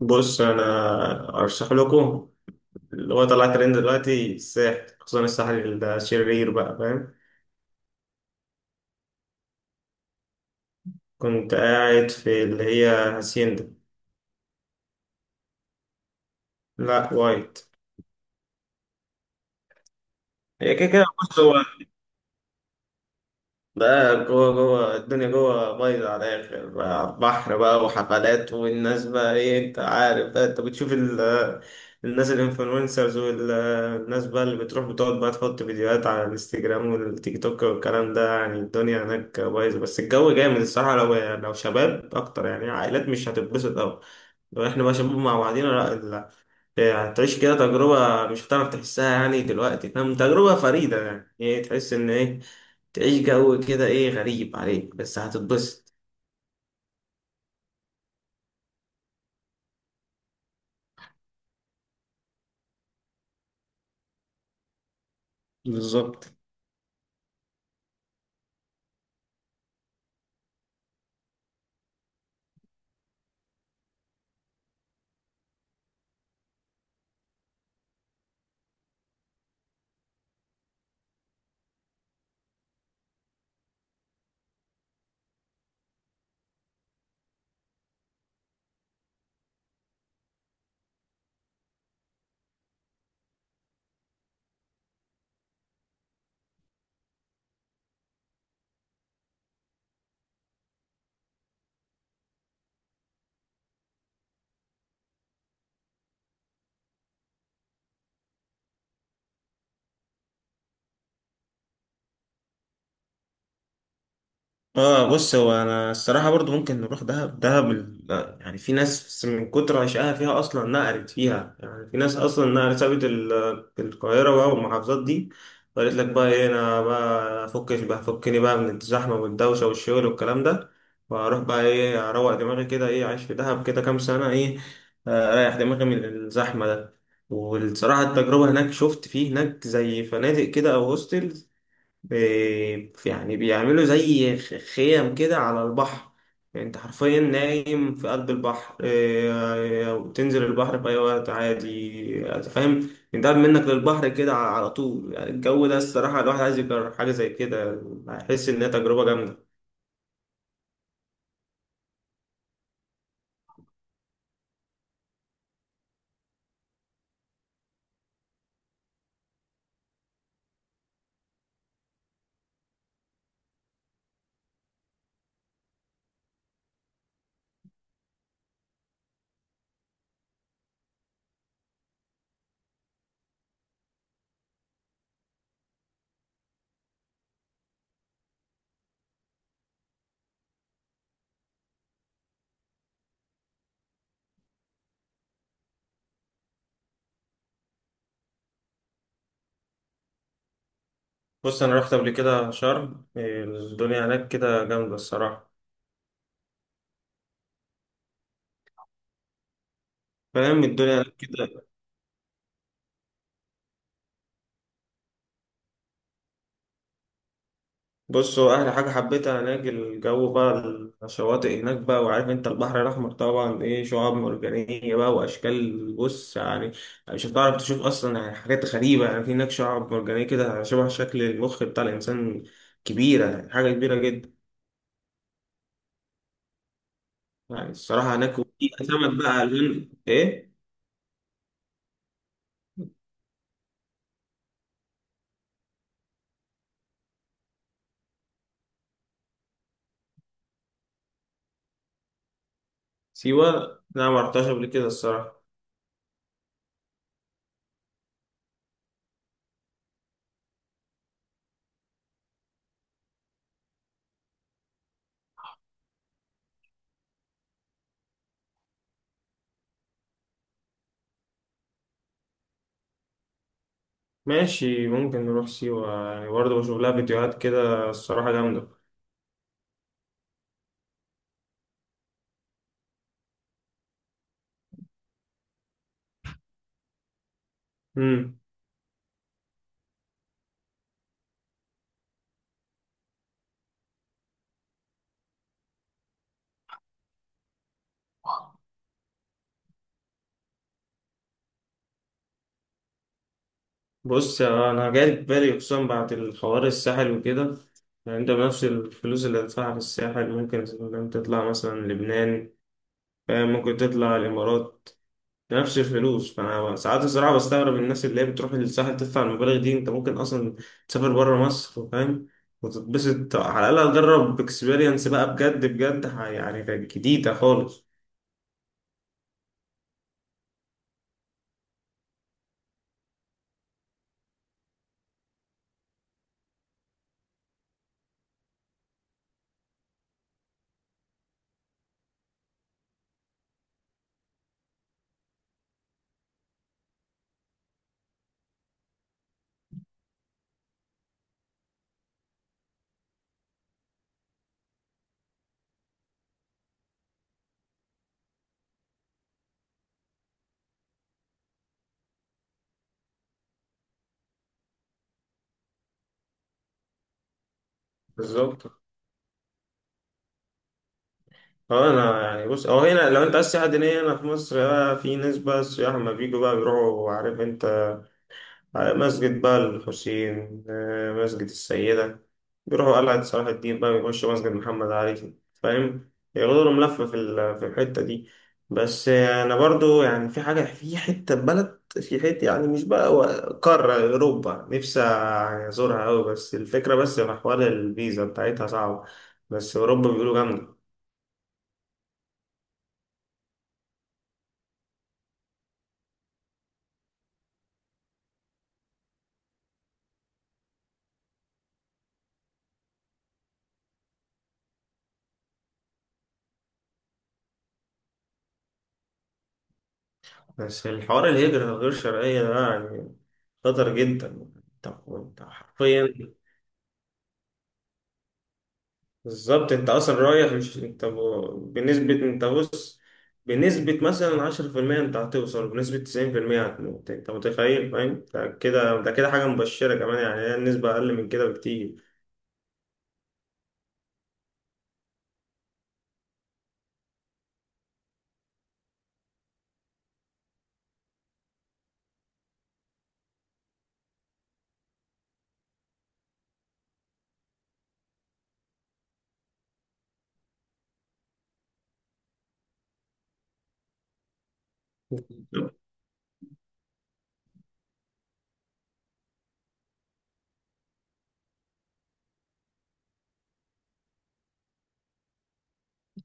بص انا ارشح لكم اللي هو طلع ترند دلوقتي الساحل، خصوصا الساحل الشرير بقى. فاهم؟ كنت قاعد في اللي هي هاسيندا. لا، وايت. هي كده كده، بص، هو ده جوه. جوه الدنيا جوه بايظة على الآخر بقى، على البحر بقى، وحفلات والناس بقى، إيه؟ أنت عارف بقى، أنت بتشوف الناس الإنفلونسرز والناس بقى اللي بتروح بتقعد بقى تحط فيديوهات على الانستجرام والتيك توك والكلام ده. يعني الدنيا هناك بايظة بس الجو جامد الصراحة. لو شباب أكتر، يعني عائلات مش هتتبسط أوي. لو إحنا بقى شباب مع بعضينا، لا، هتعيش كده تجربة مش هتعرف تحسها، يعني دلوقتي، فاهم؟ تجربة فريدة، يعني ايه، تحس ان ايه، تعيش جو كده ايه غريب عليك، بس هتتبسط. بالظبط. اه، بص، هو انا الصراحه برضو ممكن نروح دهب. لا، يعني في ناس من كتر عشقها فيها اصلا نقلت فيها، يعني في ناس اصلا نقلت سابت القاهره بقى والمحافظات دي، وقالت لك بقى ايه، انا بقى افكش بقى، فكني بقى من الزحمه والدوشه والشغل والكلام ده، واروح بقى ايه اروق دماغي كده، ايه عايش في دهب كده كام سنه، ايه، آه، اريح دماغي من الزحمه ده. والصراحه التجربه هناك، شفت فيه هناك زي فنادق كده او هوستل بي، يعني بيعملوا زي خيم كده على البحر. يعني انت حرفيا نايم في قلب البحر، إيه، وتنزل البحر في اي وقت عادي. انت فاهم؟ انت قاعد منك للبحر كده، على طول. يعني الجو ده الصراحة، الواحد عايز يجرب حاجة زي كده، هيحس انها تجربة جامدة. بص انا رحت قبل كده شرم، إيه، الدنيا هناك كده جامدة الصراحة. فاهم؟ الدنيا هناك كده. بص، هو أحلى حاجة حبيتها هناك الجو بقى، الشواطئ هناك بقى. وعارف أنت البحر الأحمر طبعا، إيه، شعاب مرجانية بقى وأشكال. بص يعني، مش هتعرف تشوف أصلا، يعني حاجات غريبة. يعني في هناك شعاب مرجانية كده شبه شكل المخ بتاع الإنسان، كبيرة، يعني حاجة كبيرة جدا يعني الصراحة. هناك وفي سمك بقى ألوان إيه. سيوة، لا، ما رحتهاش قبل كده الصراحة. ماشي، ممكن نروح سيوة، يعني برضه بشوف لها فيديوهات كده الصراحة جامدة. مم. بص، انا جاي في بالي خصوصا بعد الحوار الساحل وكده. يعني انت بنفس الفلوس اللي هتدفعها في الساحل ممكن مثلاً تطلع مثلا لبنان. فاهم؟ ممكن تطلع الامارات نفس الفلوس. فانا ساعات الصراحه بستغرب الناس اللي هي بتروح للساحل تدفع المبالغ دي. انت ممكن اصلا تسافر بره مصر، فاهم، وتتبسط، على الاقل تجرب اكسبيرينس بقى بجد بجد، يعني كانت جديده خالص. بالظبط. اه انا يعني، بص، او هنا لو انت عايز سياحه دينيه هنا في مصر بقى، في ناس بقى السياح لما بيجوا بقى بيروحوا، عارف انت، على مسجد بقى الحسين، آه، مسجد السيده، بيروحوا قلعه صلاح الدين بقى، بيخشوا مسجد محمد علي. فاهم؟ ياخدوا لهم لفه في في الحته دي. بس آه، انا برضو يعني في حاجه، في حته بلد في حته، يعني مش بقى قاره اوروبا نفسي يعني ازورها قوي، بس الفكره بس في حوار الفيزا بتاعتها صعبه. بس اوروبا بيقولوا جامده. بس الحوار الهجرة الغير شرعية ده يعني خطر جدا. انت انت حرفيا. بالظبط، انت اصلا رايح مش انت بنسبة، انت بص، بنسبة مثلا 10% انت هتوصل، بنسبة 90% هتموت. انت متخيل؟ فاهم ده كده؟ ده كده حاجة مبشرة كمان يعني، هي النسبة أقل من كده بكتير.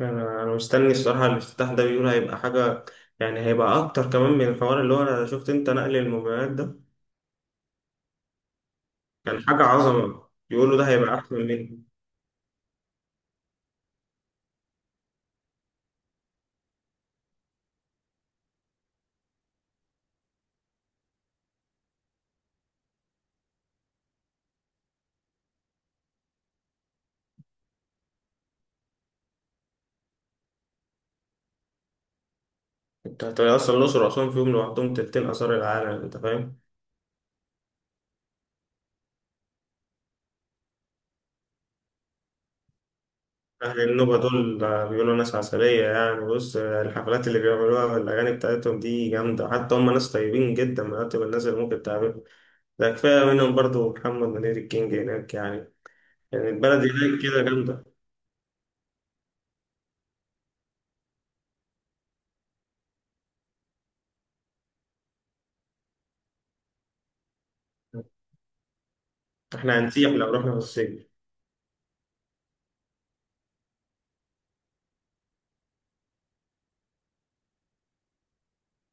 أنا مستني الصراحة الافتتاح ده، بيقول هيبقى حاجة، يعني هيبقى أكتر كمان من الحوار اللي هو أنا شفت أنت نقل الموبايلات ده. كان حاجة عظمة، بيقولوا ده هيبقى أحسن منه. انت اصلا الاقصر واسوان فيهم لوحدهم تلتين اثار العالم. انت فاهم؟ اهل النوبه دول بيقولوا ناس عسليه، يعني بص الحفلات اللي بيعملوها والاغاني بتاعتهم دي جامده. حتى هم ناس طيبين جدا، من اطيب الناس اللي ممكن تقابلهم. ده كفايه منهم برضو محمد منير الكينج هناك يعني. يعني البلد هناك كده جامده. احنا هنسيح لو رحنا في الصيف.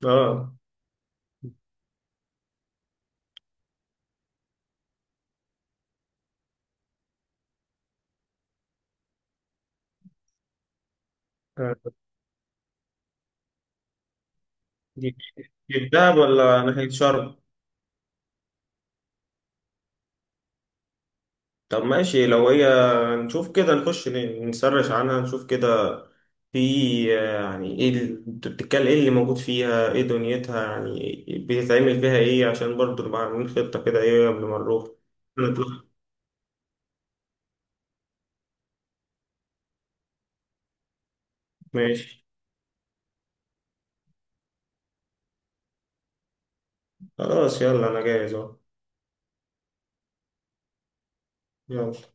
اه. آه. دي في دهب ولا ناحيه شرم؟ طب ماشي لو هي، نشوف كده، نخش نسرش عنها نشوف كده في، آه، يعني ايه انت بتتكلم ايه اللي موجود فيها، ايه دنيتها يعني، بيتعمل فيها ايه، عشان برضو نبقى عاملين خطة كده ايه قبل ما نروح نطلع. ماشي، خلاص، يلا انا جاهز اهو. يلا.